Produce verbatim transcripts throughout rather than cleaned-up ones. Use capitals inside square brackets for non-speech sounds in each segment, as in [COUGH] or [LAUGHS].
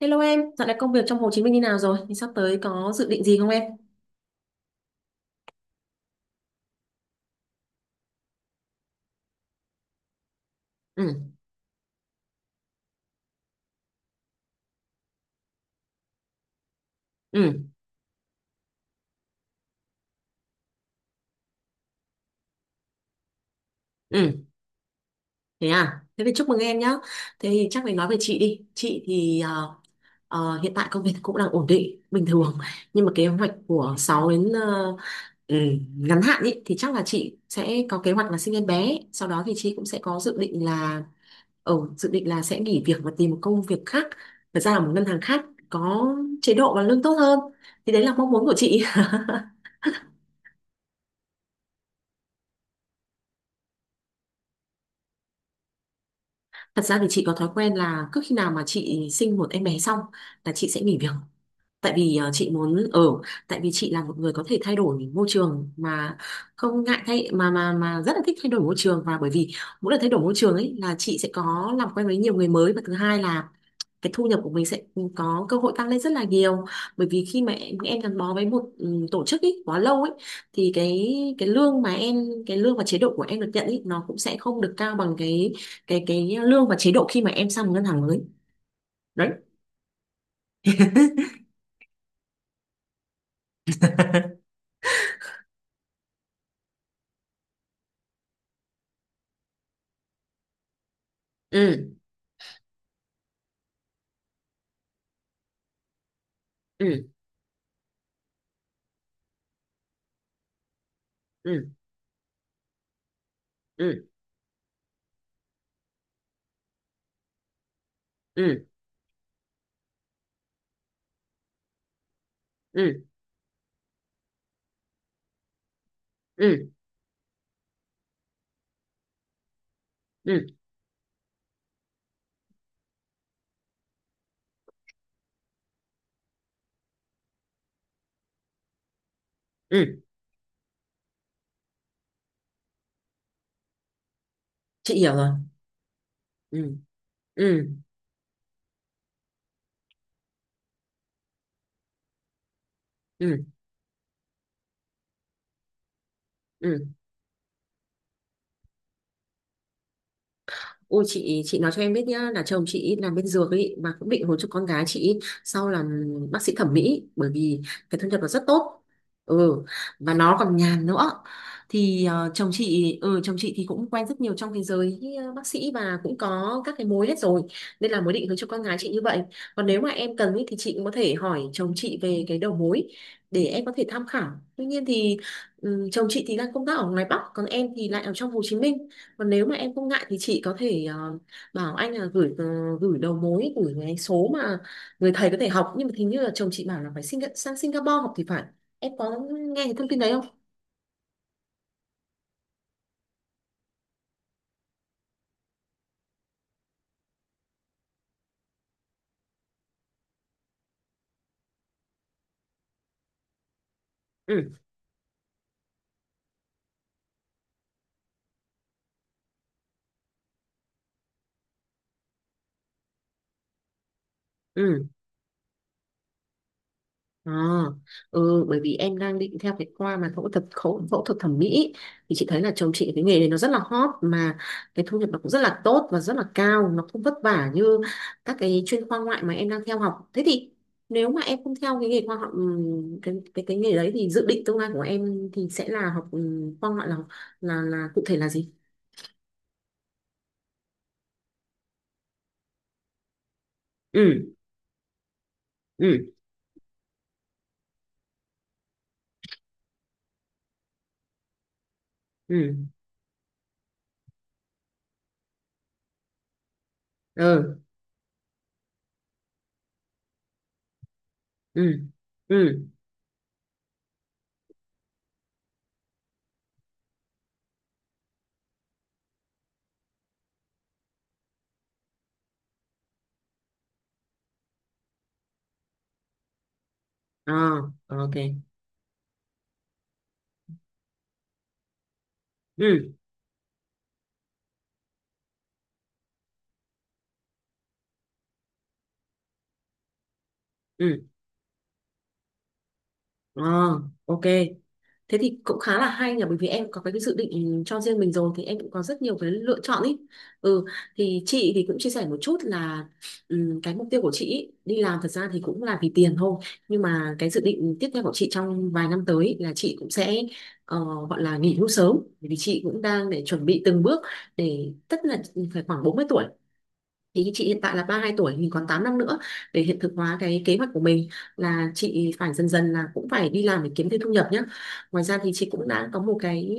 Hello em, dạo này công việc trong Hồ Chí Minh như nào rồi? Thì sắp tới có dự định gì không em? Ừ, ừ, ừ, thế à? Thế thì chúc mừng em nhá. Thế thì chắc phải nói về chị đi. Chị thì ờ, ờ, hiện tại công việc cũng đang ổn định, bình thường. Nhưng mà kế hoạch của sáu đến ờ, ừ, ngắn hạn ý, thì chắc là chị sẽ có kế hoạch là sinh em bé. Sau đó thì chị cũng sẽ có dự định là ở dự định là sẽ nghỉ việc và tìm một công việc khác, thật ra là một ngân hàng khác có chế độ và lương tốt hơn. Thì đấy là mong muốn của chị. [LAUGHS] Thật ra thì chị có thói quen là cứ khi nào mà chị sinh một em bé xong là chị sẽ nghỉ việc. Tại vì ờ, chị muốn ở, tại vì chị là một người có thể thay đổi môi trường mà không ngại thay mà mà mà rất là thích thay đổi môi trường, và bởi vì mỗi lần thay đổi môi trường ấy là chị sẽ có làm quen với nhiều người mới, và thứ hai là cái thu nhập của mình sẽ có cơ hội tăng lên rất là nhiều. Bởi vì khi mà em, em gắn bó với một ừ, tổ chức ý, quá lâu ấy, thì cái cái lương mà em cái lương và chế độ của em được nhận ý, nó cũng sẽ không được cao bằng cái cái cái lương và chế độ khi mà em sang một ngân hàng mới đấy. [LAUGHS] Ừ, ừ, ừ, ừ, ừ, ừ, ừ, ừ, ừ, ừ. Chị hiểu rồi. Ừ, ừ, ừ, ừ. Ôi, chị chị nói cho em biết nhá, là chồng chị làm bên dược ấy mà cũng định hôn cho con gái chị sau làm bác sĩ thẩm mỹ, bởi vì cái thu nhập nó rất tốt. Ừ, và nó còn nhàn nữa. Thì ờ, chồng chị ừ, chồng chị thì cũng quen rất nhiều trong thế giới ờ, bác sĩ và cũng có các cái mối hết rồi, nên là mới định hướng cho con gái chị như vậy. Còn nếu mà em cần ý, thì chị cũng có thể hỏi chồng chị về cái đầu mối để em có thể tham khảo. Tuy nhiên thì ừ, chồng chị thì đang công tác ở ngoài Bắc, còn em thì lại ở trong Hồ Chí Minh. Còn nếu mà em không ngại thì chị có thể ờ, bảo anh là gửi ờ, gửi đầu mối, gửi cái số mà người thầy có thể học. Nhưng mà hình như là chồng chị bảo là phải Singa- sang Singapore học thì phải. Em có nghe cái thông tin đấy không? Ừ, ừ. À, ừ, bởi vì em đang định theo cái khoa mà phẫu thuật, phẫu, phẫu thuật thẩm mỹ, thì chị thấy là chồng chị cái nghề này nó rất là hot mà, cái thu nhập nó cũng rất là tốt và rất là cao, nó không vất vả như các cái chuyên khoa ngoại mà em đang theo học. Thế thì nếu mà em không theo cái nghề khoa học, ừm, cái cái cái nghề đấy, thì dự định tương lai của em thì sẽ là học ừm, khoa ngoại, là là là cụ thể là gì? Ừ, ừ, ừ, ừ, ừ, ừ, à, ok. Ừ, ừ, à, ok. Thế thì cũng khá là hay nhỉ, bởi vì em có cái dự định cho riêng mình rồi thì em cũng có rất nhiều cái lựa chọn ý. Ừ, thì chị thì cũng chia sẻ một chút là ừm, cái mục tiêu của chị ý, đi làm thật ra thì cũng là vì tiền thôi. Nhưng mà cái dự định tiếp theo của chị trong vài năm tới ý, là chị cũng sẽ ờ, gọi là nghỉ hưu sớm, bởi vì chị cũng đang để chuẩn bị từng bước để tất là phải khoảng bốn mươi tuổi. Thì chị hiện tại là ba mươi hai tuổi thì còn tám năm nữa để hiện thực hóa cái kế hoạch của mình, là chị phải dần dần là cũng phải đi làm để kiếm thêm thu nhập nhé. Ngoài ra thì chị cũng đã có một cái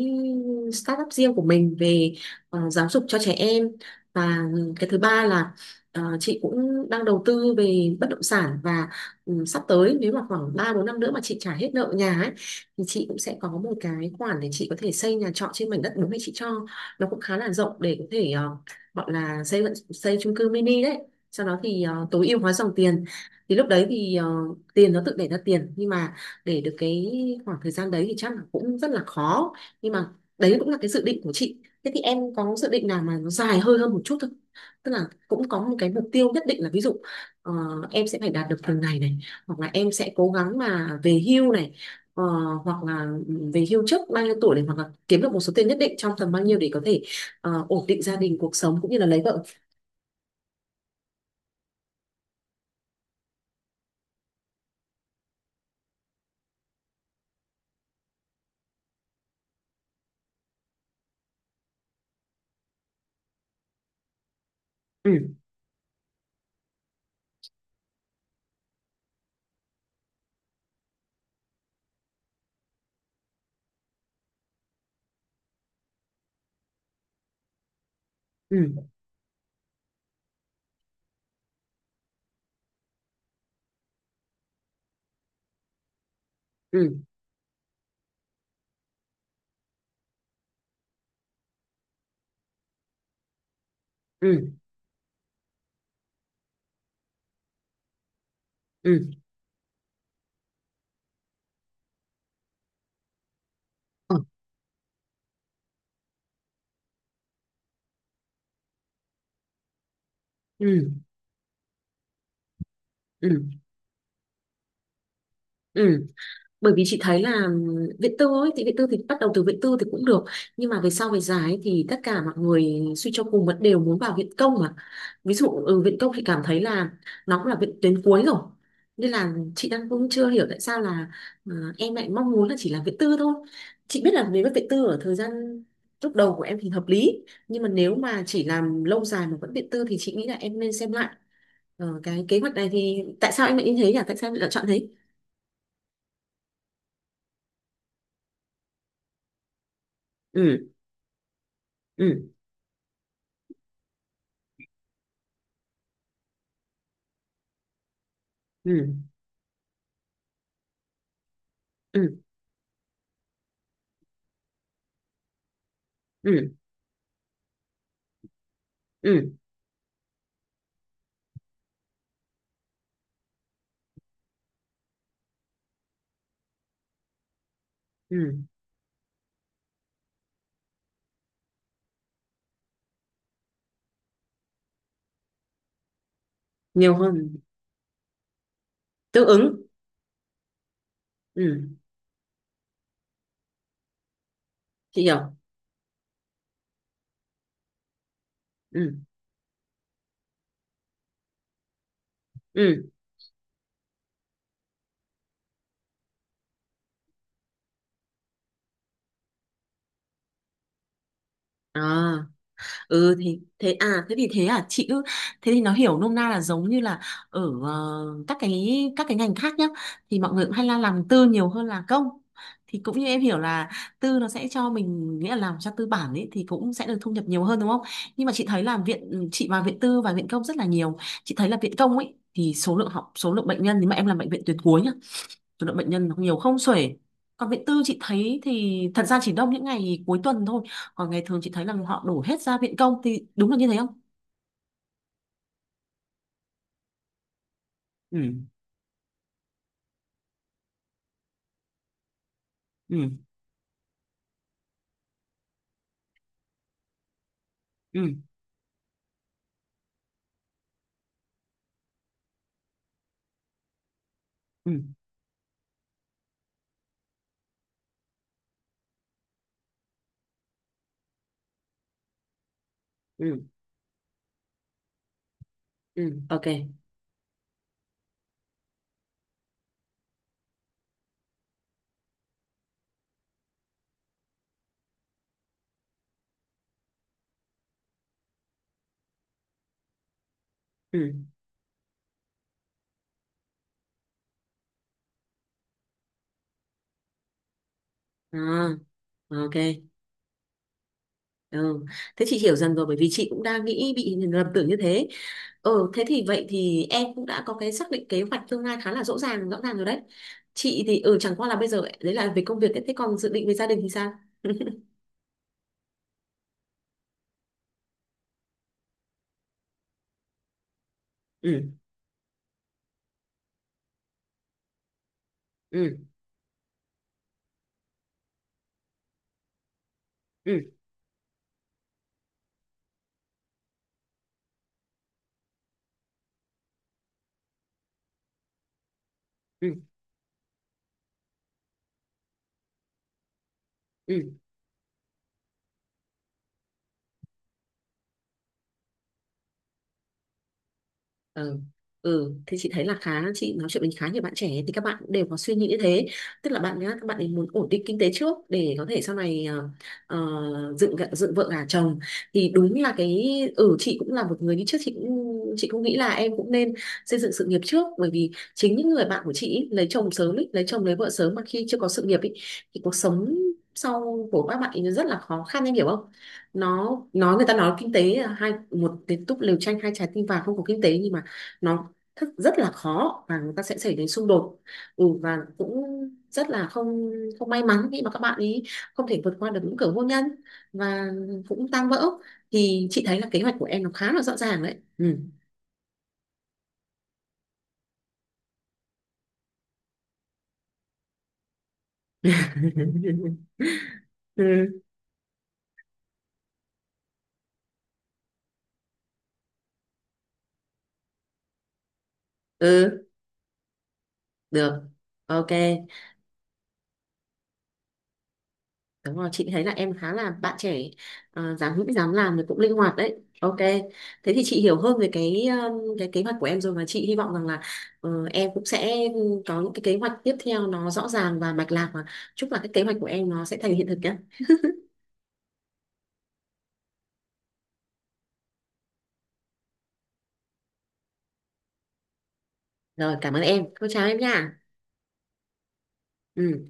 startup riêng của mình về ờ, giáo dục cho trẻ em, và cái thứ ba là ờ, chị cũng đang đầu tư về bất động sản. Và ừ, sắp tới nếu mà khoảng ba bốn năm nữa mà chị trả hết nợ nhà ấy, thì chị cũng sẽ có một cái khoản để chị có thể xây nhà trọ trên mảnh đất bố mẹ chị cho. Nó cũng khá là rộng để có thể ờ, gọi là xây xây chung cư mini đấy, sau đó thì ờ, tối ưu hóa dòng tiền. Thì lúc đấy thì ờ, tiền nó tự đẻ ra tiền, nhưng mà để được cái khoảng thời gian đấy thì chắc là cũng rất là khó. Nhưng mà đấy cũng là cái dự định của chị. Thế thì em có dự định nào mà nó dài hơi hơn một chút không? Tức là cũng có một cái mục tiêu nhất định, là ví dụ ờ, em sẽ phải đạt được từng này này, hoặc là em sẽ cố gắng mà về hưu này, ờ, hoặc là về hưu trước bao nhiêu tuổi này, hoặc là kiếm được một số tiền nhất định trong tầm bao nhiêu để có thể ờ, ổn định gia đình cuộc sống cũng như là lấy vợ. Ừ, ừ, ừ, ừ, ừ, ừ, ừ, ừ. Bởi vì chị thấy là viện tư ấy thì viện tư thì bắt đầu từ viện tư thì cũng được, nhưng mà về sau về dài ấy, thì tất cả mọi người suy cho cùng vẫn đều muốn vào viện công mà. Ví dụ ừ, viện công thì cảm thấy là nó cũng là viện tuyến cuối rồi, nên là chị đang cũng chưa hiểu tại sao là ờ, em lại mong muốn là chỉ làm viện tư thôi. Chị biết là nếu mà viện tư ở thời gian lúc đầu của em thì hợp lý, nhưng mà nếu mà chỉ làm lâu dài mà vẫn viện tư thì chị nghĩ là em nên xem lại. Ờ, cái kế hoạch này thì tại sao em lại như thế nhỉ, tại sao em lại lựa chọn thế? Ừ, ừ, ừ, ừ, ừ, ừ, ừ, nhiều hơn, tương ứng, ừ, chị hiểu, ừ, ừ, à. Ừ thì thế à, thế thì thế à, chị cứ thế thì nó hiểu nôm na là giống như là ở ờ, các cái các cái ngành khác nhá, thì mọi người cũng hay là làm tư nhiều hơn là công. Thì cũng như em hiểu là tư nó sẽ cho mình, nghĩa là làm cho tư bản ấy thì cũng sẽ được thu nhập nhiều hơn, đúng không? Nhưng mà chị thấy là viện, chị vào viện tư và viện công rất là nhiều, chị thấy là viện công ấy thì số lượng học, số lượng bệnh nhân, nếu mà em làm bệnh viện tuyến cuối nhá, số lượng bệnh nhân nó nhiều không xuể. Còn viện tư chị thấy thì thật ra chỉ đông những ngày cuối tuần thôi. Còn ngày thường chị thấy là họ đổ hết ra viện công, thì đúng là như thế không? Ừ, ừ, ừ, ừ, ừ, ừ, ok. Ừ, à, ok. Ừ. Thế chị hiểu dần rồi, bởi vì chị cũng đang nghĩ bị lầm tưởng như thế. Ừ, thế thì vậy thì em cũng đã có cái xác định kế hoạch tương lai khá là rõ ràng, rõ ràng rồi đấy. Chị thì ừ, chẳng qua là bây giờ đấy là về công việc ấy. Thế còn dự định về gia đình thì sao? [LAUGHS] Ừ, ừ, ừ, ừ, ừ, ừ. Ừ thì chị thấy là khá, chị nói chuyện với khá nhiều bạn trẻ thì các bạn cũng đều có suy nghĩ như thế, tức là bạn nhá, các bạn ấy muốn ổn định kinh tế trước để có thể sau này ờ, ờ, dựng gạ- dựng vợ gả chồng. Thì đúng là cái, ừ, chị cũng là một người như trước, chị cũng chị cũng nghĩ là em cũng nên xây dựng sự nghiệp trước, bởi vì chính những người bạn của chị ý, lấy chồng sớm ý, lấy chồng lấy vợ sớm mà khi chưa có sự nghiệp ý, thì cuộc sống sau của các bạn ấy nó rất là khó khăn, em hiểu không? Nó nói, người ta nói kinh tế là hai, một cái túp lều tranh hai trái tim vàng, không có kinh tế nhưng mà nó thức rất là khó, và người ta sẽ xảy đến xung đột. Ừ, và cũng rất là không không may mắn khi mà các bạn ý không thể vượt qua được những cửa hôn nhân và cũng tan vỡ. Thì chị thấy là kế hoạch của em nó khá là rõ ràng đấy. Ừ. [LAUGHS] Ừ, ừ, được, ok. Đúng rồi, chị thấy là em khá là bạn trẻ, ờ, dám nghĩ dám làm thì cũng linh hoạt đấy. Ok. Thế thì chị hiểu hơn về cái um, cái kế hoạch của em rồi, và chị hy vọng rằng là ờ, em cũng sẽ có những cái kế hoạch tiếp theo nó rõ ràng và mạch lạc, và chúc là cái kế hoạch của em nó sẽ thành hiện thực nhé. Rồi, cảm ơn em. Cô chào em nha. Ừ.